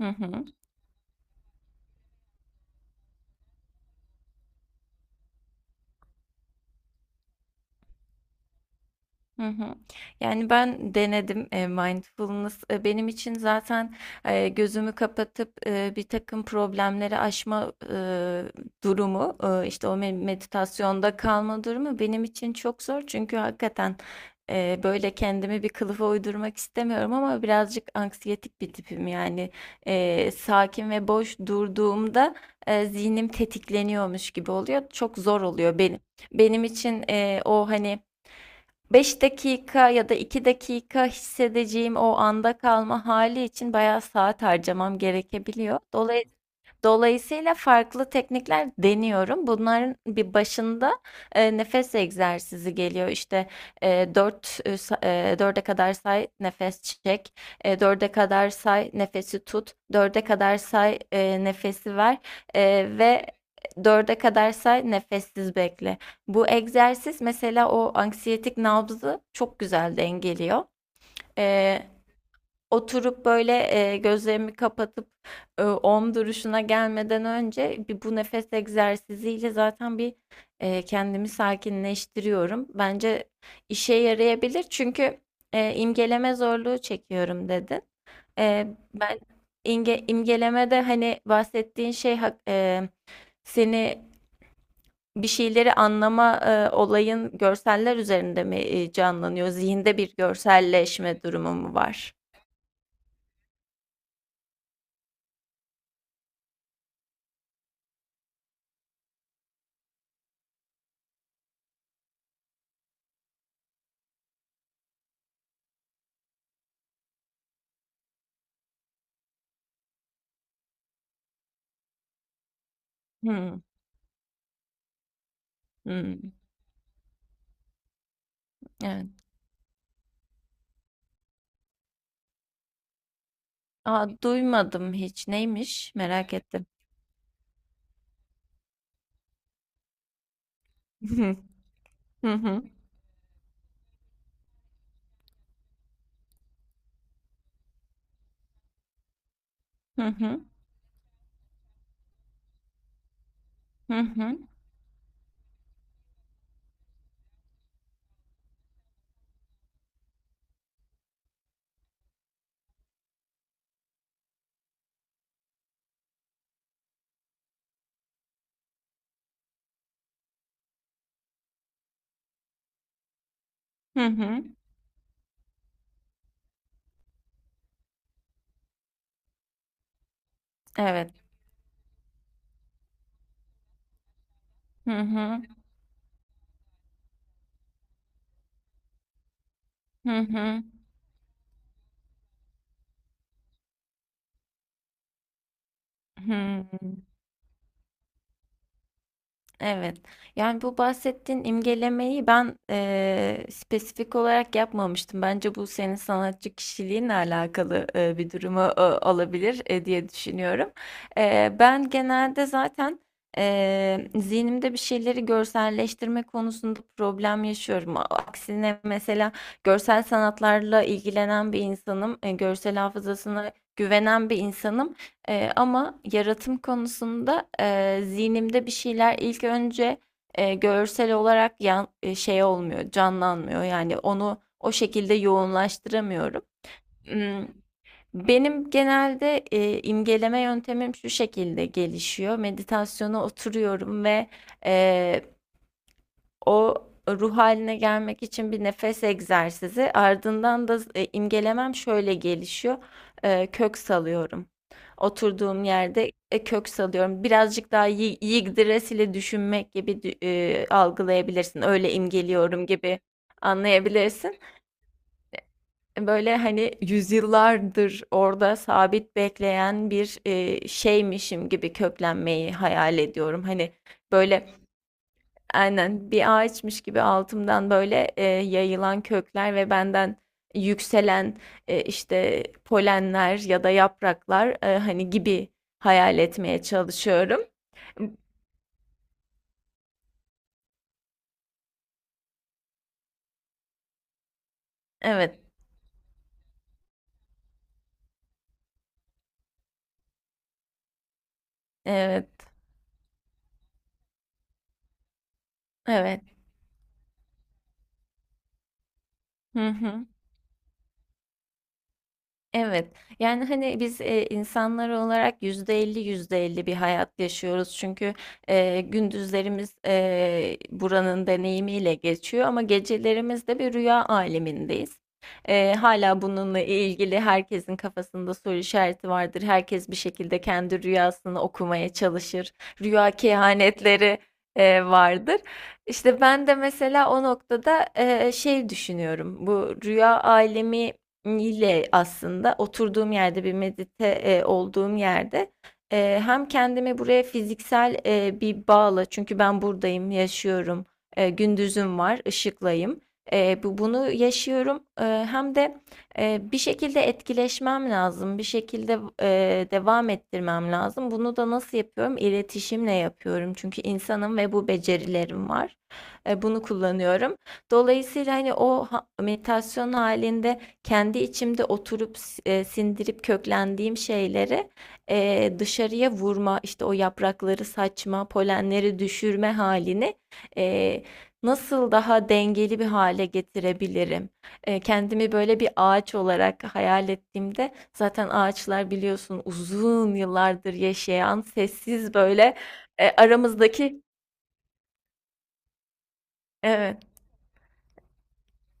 Hı hı. Hı hı. Yani ben denedim mindfulness. Benim için zaten gözümü kapatıp bir takım problemleri aşma durumu, işte o meditasyonda kalma durumu benim için çok zor. Çünkü hakikaten böyle kendimi bir kılıfa uydurmak istemiyorum ama birazcık anksiyetik bir tipim. Yani sakin ve boş durduğumda zihnim tetikleniyormuş gibi oluyor. Çok zor oluyor benim. Benim için o hani beş dakika ya da 2 dakika hissedeceğim o anda kalma hali için bayağı saat harcamam gerekebiliyor. Dolayısıyla farklı teknikler deniyorum. Bunların bir başında nefes egzersizi geliyor. İşte e, 4 kadar say, nefes çek. 4'e kadar say, nefesi tut. Dörde kadar say, nefesi ver. E, ve 4'e kadar say, nefessiz bekle. Bu egzersiz mesela o anksiyetik nabzı çok güzel dengeliyor. E, Oturup böyle, gözlerimi kapatıp, OM duruşuna gelmeden önce bir bu nefes egzersiziyle zaten bir, kendimi sakinleştiriyorum. Bence işe yarayabilir çünkü imgeleme zorluğu çekiyorum dedin. Eee, ben imgelemede, hani, bahsettiğin şey hak seni bir şeyleri anlama, olayın görseller üzerinde mi, canlanıyor? Zihinde bir görselleşme durumu mu var? Hımm. Hımm. Evet. A, duymadım hiç. Neymiş? Merak ettim. Hı hı. Hı hı. Hı hı. Hı hı. Evet. Hı hı. Hı hı. Hı. Evet. Yani bu bahsettiğin imgelemeyi ben spesifik olarak yapmamıştım. Bence bu senin sanatçı kişiliğinle alakalı bir durumu olabilir diye düşünüyorum. Ben genelde zaten zihnimde bir şeyleri görselleştirme konusunda problem yaşıyorum. Aksine mesela görsel sanatlarla ilgilenen bir insanım, görsel hafızasına güvenen bir insanım. Ama yaratım konusunda zihnimde bir şeyler ilk önce görsel olarak şey olmuyor, canlanmıyor. Yani onu o şekilde yoğunlaştıramıyorum. Hmm, Benim genelde imgeleme yöntemim şu şekilde gelişiyor. Meditasyona oturuyorum ve o ruh haline gelmek için bir nefes egzersizi. Ardından da imgelemem şöyle gelişiyor. Kök salıyorum. Oturduğum yerde kök salıyorum. Birazcık daha yigdres ile düşünmek gibi algılayabilirsin. Öyle imgeliyorum gibi anlayabilirsin. Böyle hani yüzyıllardır orada sabit bekleyen bir şeymişim gibi köklenmeyi hayal ediyorum. Hani böyle aynen bir ağaçmış gibi altımdan böyle yayılan kökler ve benden yükselen işte polenler ya da yapraklar hani gibi hayal etmeye çalışıyorum. Evet, evet, evet. Hı hı. Evet. Yani hani biz insanlar olarak %50 %50 bir hayat yaşıyoruz. Çünkü gündüzlerimiz buranın deneyimiyle geçiyor ama gecelerimiz de bir rüya alemindeyiz. Hala bununla ilgili herkesin kafasında soru işareti vardır. Herkes bir şekilde kendi rüyasını okumaya çalışır. Rüya kehanetleri vardır. İşte ben de mesela o noktada şey düşünüyorum. Bu rüya alemi ile aslında oturduğum yerde bir olduğum yerde, hem kendimi buraya fiziksel, bir bağla çünkü ben buradayım, yaşıyorum, gündüzüm var, ışıklayım. Bu bunu yaşıyorum, hem de bir şekilde etkileşmem lazım, bir şekilde devam ettirmem lazım. Bunu da nasıl yapıyorum? İletişimle yapıyorum çünkü insanım ve bu becerilerim var. Bunu kullanıyorum. Dolayısıyla, hani, o meditasyon hâlinde kendi içimde oturup sindirip köklendiğim şeyleri dışarıya vurma, işte o yaprakları saçma, polenleri düşürme halini e, nasıl daha dengeli bir hale getirebilirim? Kendimi böyle bir ağaç olarak hayal ettiğimde zaten ağaçlar biliyorsun uzun yıllardır yaşayan sessiz böyle aramızdaki evet.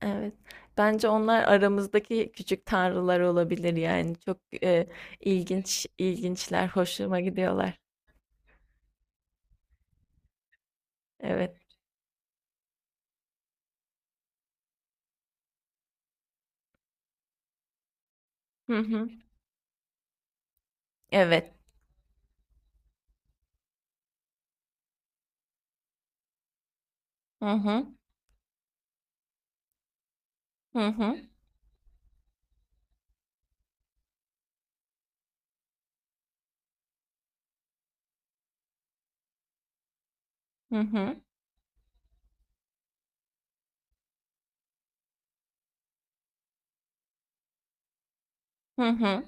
Evet. Bence onlar aramızdaki küçük tanrılar olabilir yani. Çok ilginç, ilginçler, hoşuma gidiyorlar. Evet. Hı hı. Evet. Hı hı. Hı hı. Hı hı. Hı hı.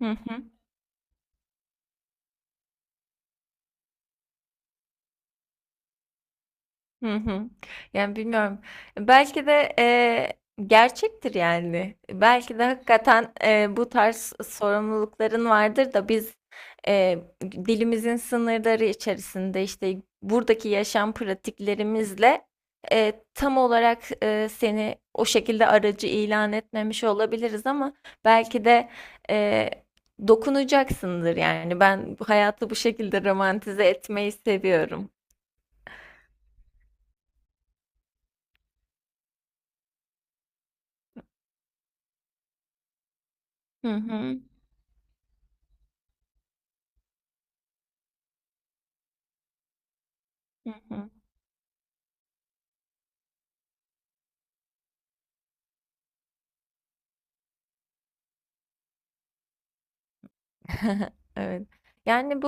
Hı hı. Hı hı. Yani bilmiyorum. Belki de gerçektir yani. Belki de hakikaten bu tarz sorumlulukların vardır da biz e, dilimizin sınırları içerisinde işte buradaki yaşam pratiklerimizle tam olarak seni o şekilde aracı ilan etmemiş olabiliriz ama belki de e, dokunacaksındır yani. Ben bu hayatı bu şekilde romantize etmeyi seviyorum. Hı hı. Hı hı. Evet. Yani bu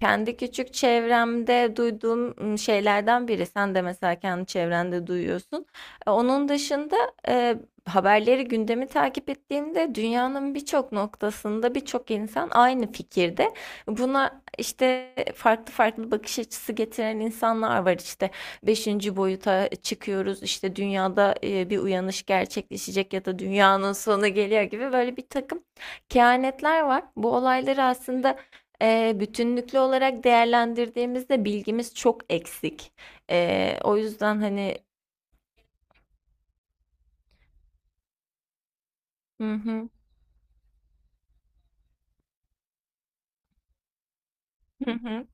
kendi küçük çevremde duyduğum şeylerden biri. Sen de mesela kendi çevrende duyuyorsun. Onun dışında e, haberleri, gündemi takip ettiğimde dünyanın birçok noktasında birçok insan aynı fikirde. Buna işte farklı farklı bakış açısı getiren insanlar var. İşte beşinci boyuta çıkıyoruz. İşte dünyada bir uyanış gerçekleşecek ya da dünyanın sonu geliyor gibi böyle bir takım kehanetler var. Bu olayları aslında bütünlüklü olarak değerlendirdiğimizde bilgimiz çok eksik. O yüzden hani hı hı, hı hı,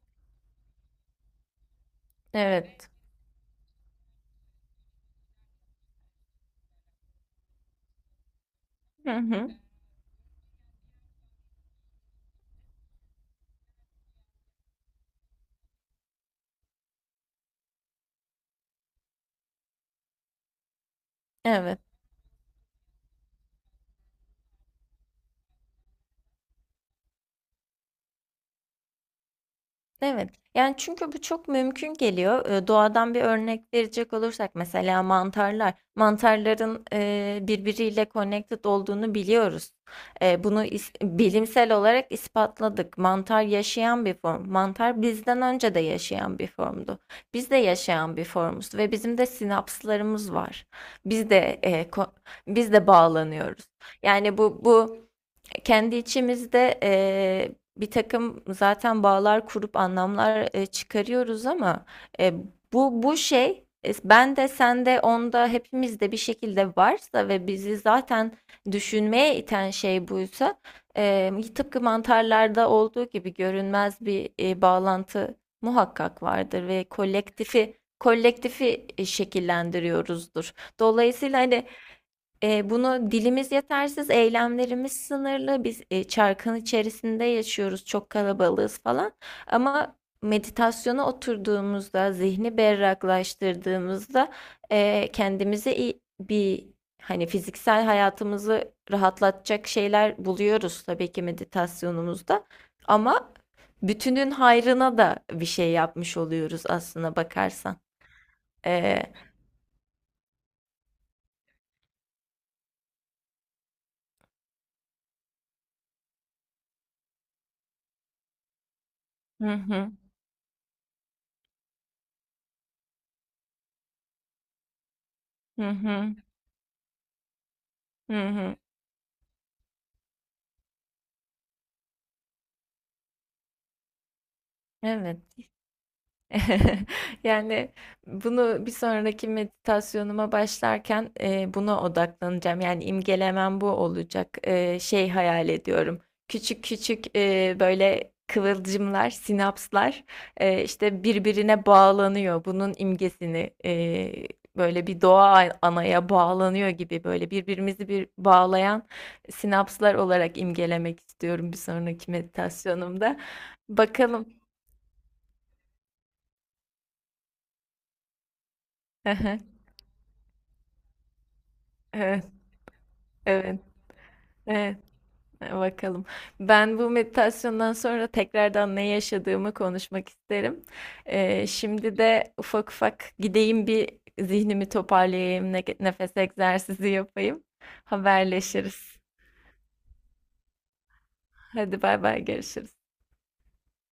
evet, hı hı, evet. Evet. Yani, çünkü bu çok mümkün geliyor. Doğadan bir örnek verecek olursak mesela mantarlar. Mantarların birbiriyle connected olduğunu biliyoruz. Bunu bilimsel olarak ispatladık. Mantar yaşayan bir form. Mantar bizden önce de yaşayan bir formdu. Biz de yaşayan bir formuz ve bizim de sinapslarımız var. Biz de, eee, ko biz de bağlanıyoruz. Yani, bu kendi içimizde bir takım zaten bağlar kurup anlamlar çıkarıyoruz ama e, bu şey ben de sen de onda hepimizde bir şekilde varsa ve bizi zaten düşünmeye iten şey buysa tıpkı mantarlarda olduğu gibi görünmez bir bağlantı muhakkak vardır ve kolektifi şekillendiriyoruzdur. Dolayısıyla hani bunu dilimiz yetersiz, eylemlerimiz sınırlı. Biz çarkın içerisinde yaşıyoruz, çok kalabalığız falan. Ama meditasyona oturduğumuzda, zihni berraklaştırdığımızda kendimize bir hani fiziksel hayatımızı rahatlatacak şeyler buluyoruz tabii ki meditasyonumuzda. Ama bütünün hayrına da bir şey yapmış oluyoruz aslında bakarsan. E, hı hı, hı hı, hı hı. Evet. Yani bunu bir sonraki meditasyonuma başlarken buna odaklanacağım. Yani imgelemem bu olacak. Şey hayal ediyorum. Küçük küçük böyle kıvılcımlar, sinapslar işte birbirine bağlanıyor. Bunun imgesini böyle bir doğa anaya bağlanıyor gibi böyle birbirimizi bir bağlayan sinapslar olarak imgelemek istiyorum bir sonraki meditasyonumda. Bakalım. Evet, evet. Evet, bakalım. Ben bu meditasyondan sonra tekrardan ne yaşadığımı konuşmak isterim. Şimdi de ufak ufak gideyim bir zihnimi toparlayayım, nefes egzersizi yapayım. Haberleşiriz. Hadi bay bay görüşürüz.